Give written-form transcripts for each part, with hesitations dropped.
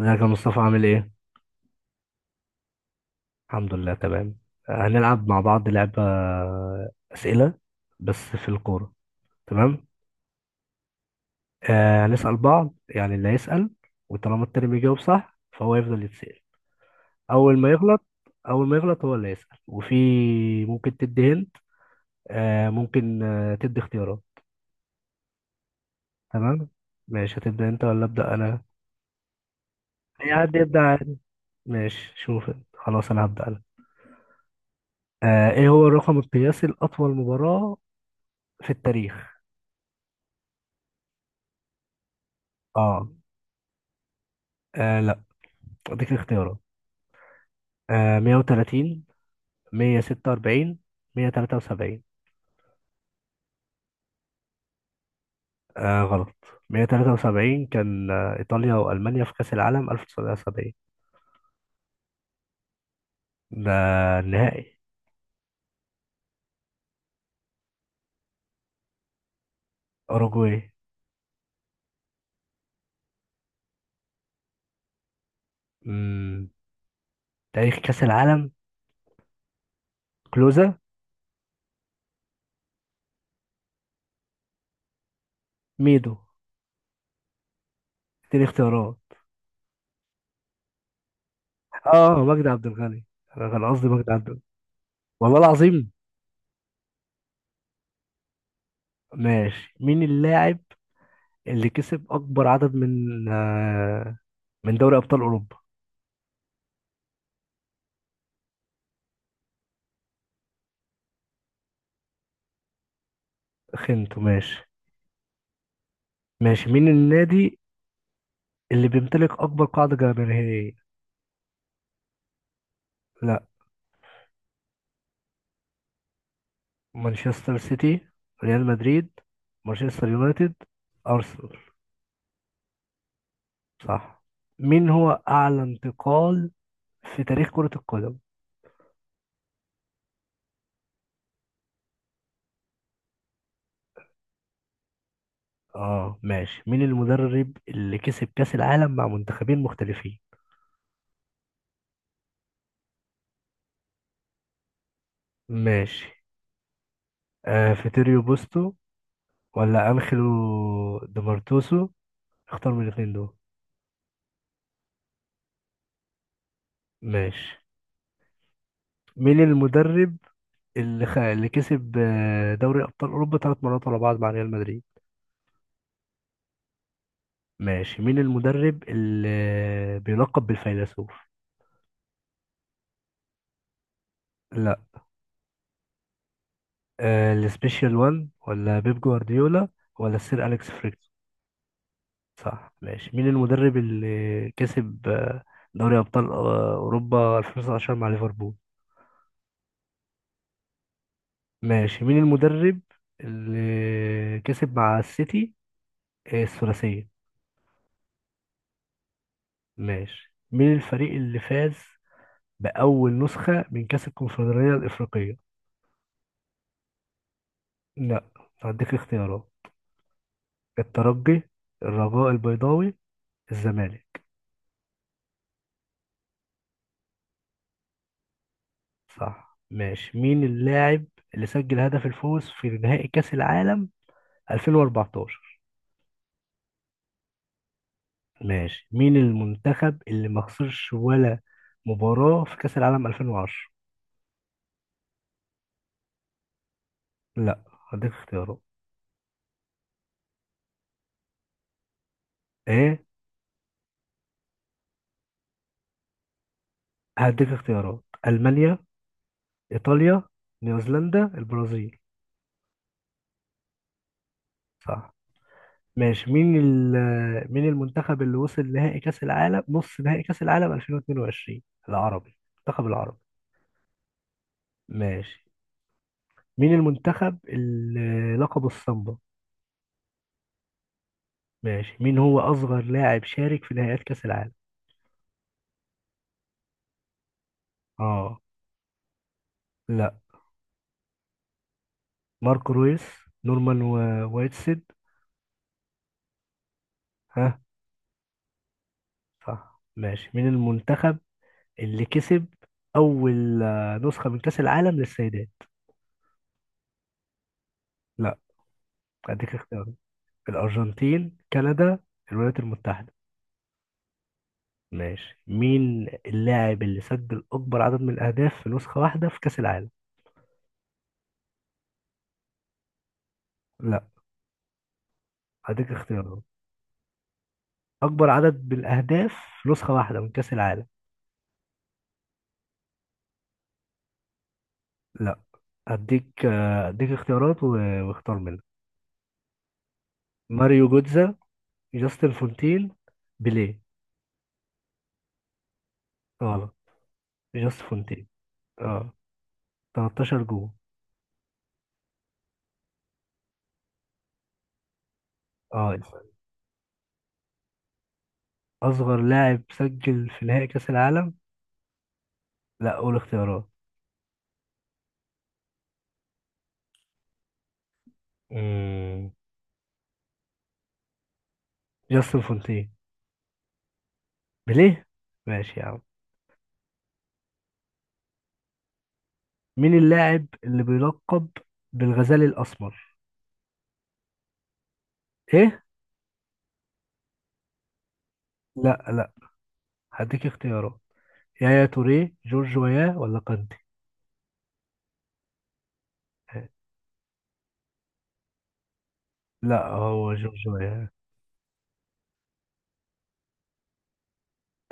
ازيك يا مصطفى، عامل ايه؟ الحمد لله، تمام. هنلعب مع بعض لعبة أسئلة، بس في الكورة. تمام؟ هنسأل بعض، يعني اللي هيسأل وطالما التاني بيجاوب صح فهو يفضل يتسأل. أول ما يغلط أول ما يغلط هو اللي يسأل. وفي ممكن تدي هنت، ممكن تدي اختيارات. تمام؟ ماشي، هتبدأ أنت ولا أبدأ أنا؟ أي حد يبدأ عادي. ماشي شوف انت. خلاص، أنا هبدأ أنا. إيه هو الرقم القياسي لأطول مباراة في التاريخ؟ اه. آه، اديك اختيارات. 130، 146، 173. غلط. 173 كان ايطاليا والمانيا في كاس العالم 1970. ده النهائي. اوروجواي. مم. تاريخ كاس العالم. كلوزا. ميدو. اديني اختيارات. اه، مجدي عبد الغني. انا كان قصدي مجدي عبد الغني. والله العظيم. ماشي، مين اللاعب اللي كسب اكبر عدد من دوري ابطال اوروبا؟ خنته. ماشي. ماشي، مين النادي اللي بيمتلك أكبر قاعدة جماهيرية؟ لا. مانشستر سيتي، ريال مدريد، مانشستر يونايتد، أرسنال. صح. مين هو أعلى انتقال في تاريخ كرة القدم؟ اه، ماشي. مين المدرب اللي كسب كأس العالم مع منتخبين مختلفين؟ ماشي. فيتوريو بوستو ولا أنخيلو ديمارتوسو؟ اختار من الاثنين دول. ماشي، مين المدرب اللي كسب دوري أبطال أوروبا 3 مرات ورا بعض مع ريال مدريد؟ ماشي، مين المدرب اللي بيلقب بالفيلسوف؟ لا. السبيشال وان ولا بيب جوارديولا ولا سير أليكس فريكسون؟ صح. ماشي، مين المدرب اللي كسب دوري أبطال أوروبا 2019 مع ليفربول؟ ماشي، مين المدرب اللي كسب مع السيتي الثلاثية؟ ماشي، مين الفريق اللي فاز بأول نسخة من كأس الكونفدرالية الإفريقية؟ لا، هديك اختيارات. الترجي، الرجاء البيضاوي، الزمالك. صح. ماشي، مين اللاعب اللي سجل هدف الفوز في نهائي كأس العالم 2014؟ ماشي، مين المنتخب اللي ما خسرش ولا مباراة في كأس العالم 2010؟ لا، هديك اختيارات ايه. هديك اختيارات: ألمانيا، إيطاليا، نيوزيلندا، البرازيل. صح. ماشي، مين المنتخب اللي وصل نهائي كأس العالم نص نهائي كأس العالم 2022؟ المنتخب العربي. ماشي، مين المنتخب اللي لقب الصمبا؟ ماشي، مين هو أصغر لاعب شارك في نهائيات كأس العالم؟ اه. لا. ماركو رويس. نورمان وايتسيد. ها. صح. ماشي، مين المنتخب اللي كسب أول نسخة من كأس العالم للسيدات؟ لا، أديك اختيارات: الأرجنتين، كندا، الولايات المتحدة. ماشي، مين اللاعب اللي سجل أكبر عدد من الأهداف في نسخة واحدة في كأس العالم؟ لا، أديك اختيارات. اكبر عدد بالاهداف في نسخه واحده من كاس العالم. لا، اديك اختيارات واختار منها. ماريو جوتزا، جاستن فونتين، بيليه. غلط، جاستن فونتين. اه، 13 جول. اه، اسأل. اصغر لاعب سجل في نهائي كاس العالم. لا، قول اختيارات. مم. جاستن فونتين. بيليه. ماشي يا عم. مين اللاعب اللي بيلقب بالغزال الاسمر؟ ايه؟ لا، لا. هديك اختيارات: يايا توريه، جورج وياه، ولا كانتي؟ لا، هو جورجيا.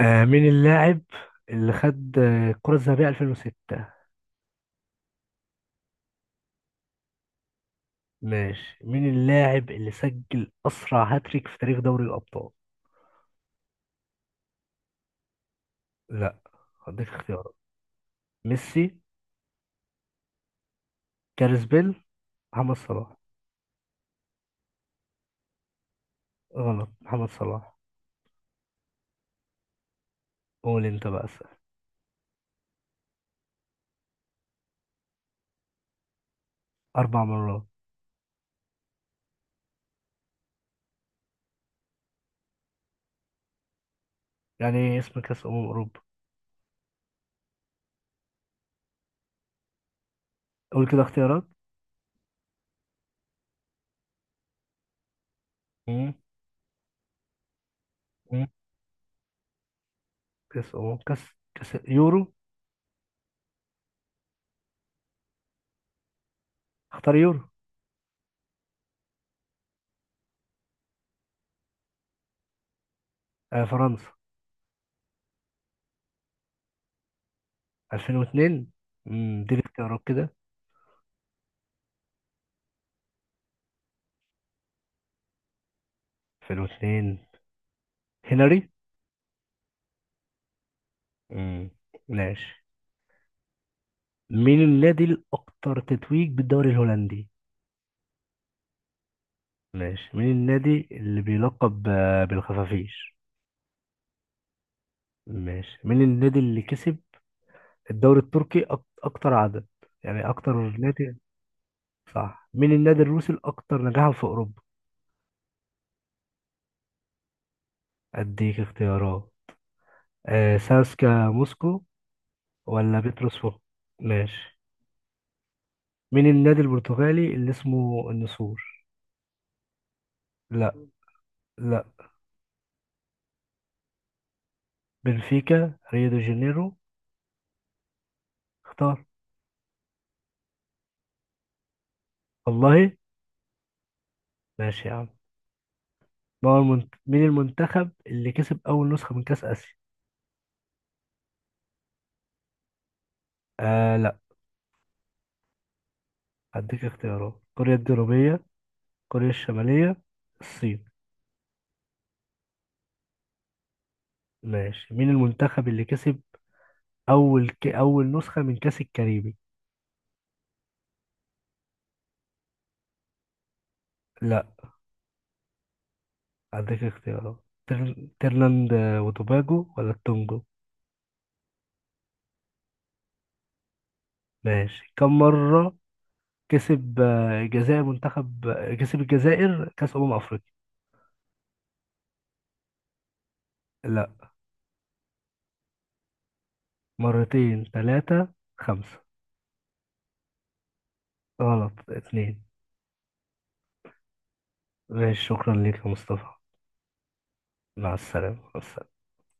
مين اللاعب اللي خد الكرة الذهبية 2006؟ ماشي، مين اللاعب اللي سجل أسرع هاتريك في تاريخ دوري الأبطال؟ لا، هديك اختيارات: ميسي، جاريث بيل، محمد صلاح. غلط، محمد صلاح. قول أنت بقى اسأل. 4 مرات. يعني إيه اسم كأس أمم أوروبا؟ قول كده اختيارات. مم. مم. كأس أمم كأس كأس يورو. اختار يورو. فرنسا. 2002. دي الاختيارات كده. 2002، هنري. مم. ماشي، مين النادي الأكثر تتويج بالدوري الهولندي؟ ماشي، مين النادي اللي بيلقب بالخفافيش؟ ماشي، مين النادي اللي كسب الدوري التركي أكتر عدد؟ يعني أكتر نادي. صح. مين النادي الروسي الأكثر نجاحا في أوروبا؟ أديك اختيارات. ساسكا موسكو ولا بيتروس فوق؟ ماشي، مين النادي البرتغالي اللي اسمه النسور؟ لا. لا. بنفيكا، ريو دي جانيرو. اختار. والله. ماشي يا عم. ما هو المنت... مين المنتخب اللي كسب أول نسخة من كأس آسيا؟ لا. هديك اختيارات: كوريا الجنوبية، كوريا الشمالية، الصين. ماشي، مين المنتخب اللي كسب أول نسخة من كأس الكاريبي؟ لا، هديك اختيارات. ترلاند وتوباجو ولا التونجو؟ ماشي، كم مرة كسب الجزائر منتخب كسب الجزائر كأس أمم أفريقيا؟ لا. مرتين، ثلاثة، خمسة. غلط، اتنين. ماشي، شكرا ليك يا مصطفى. مع السلامة.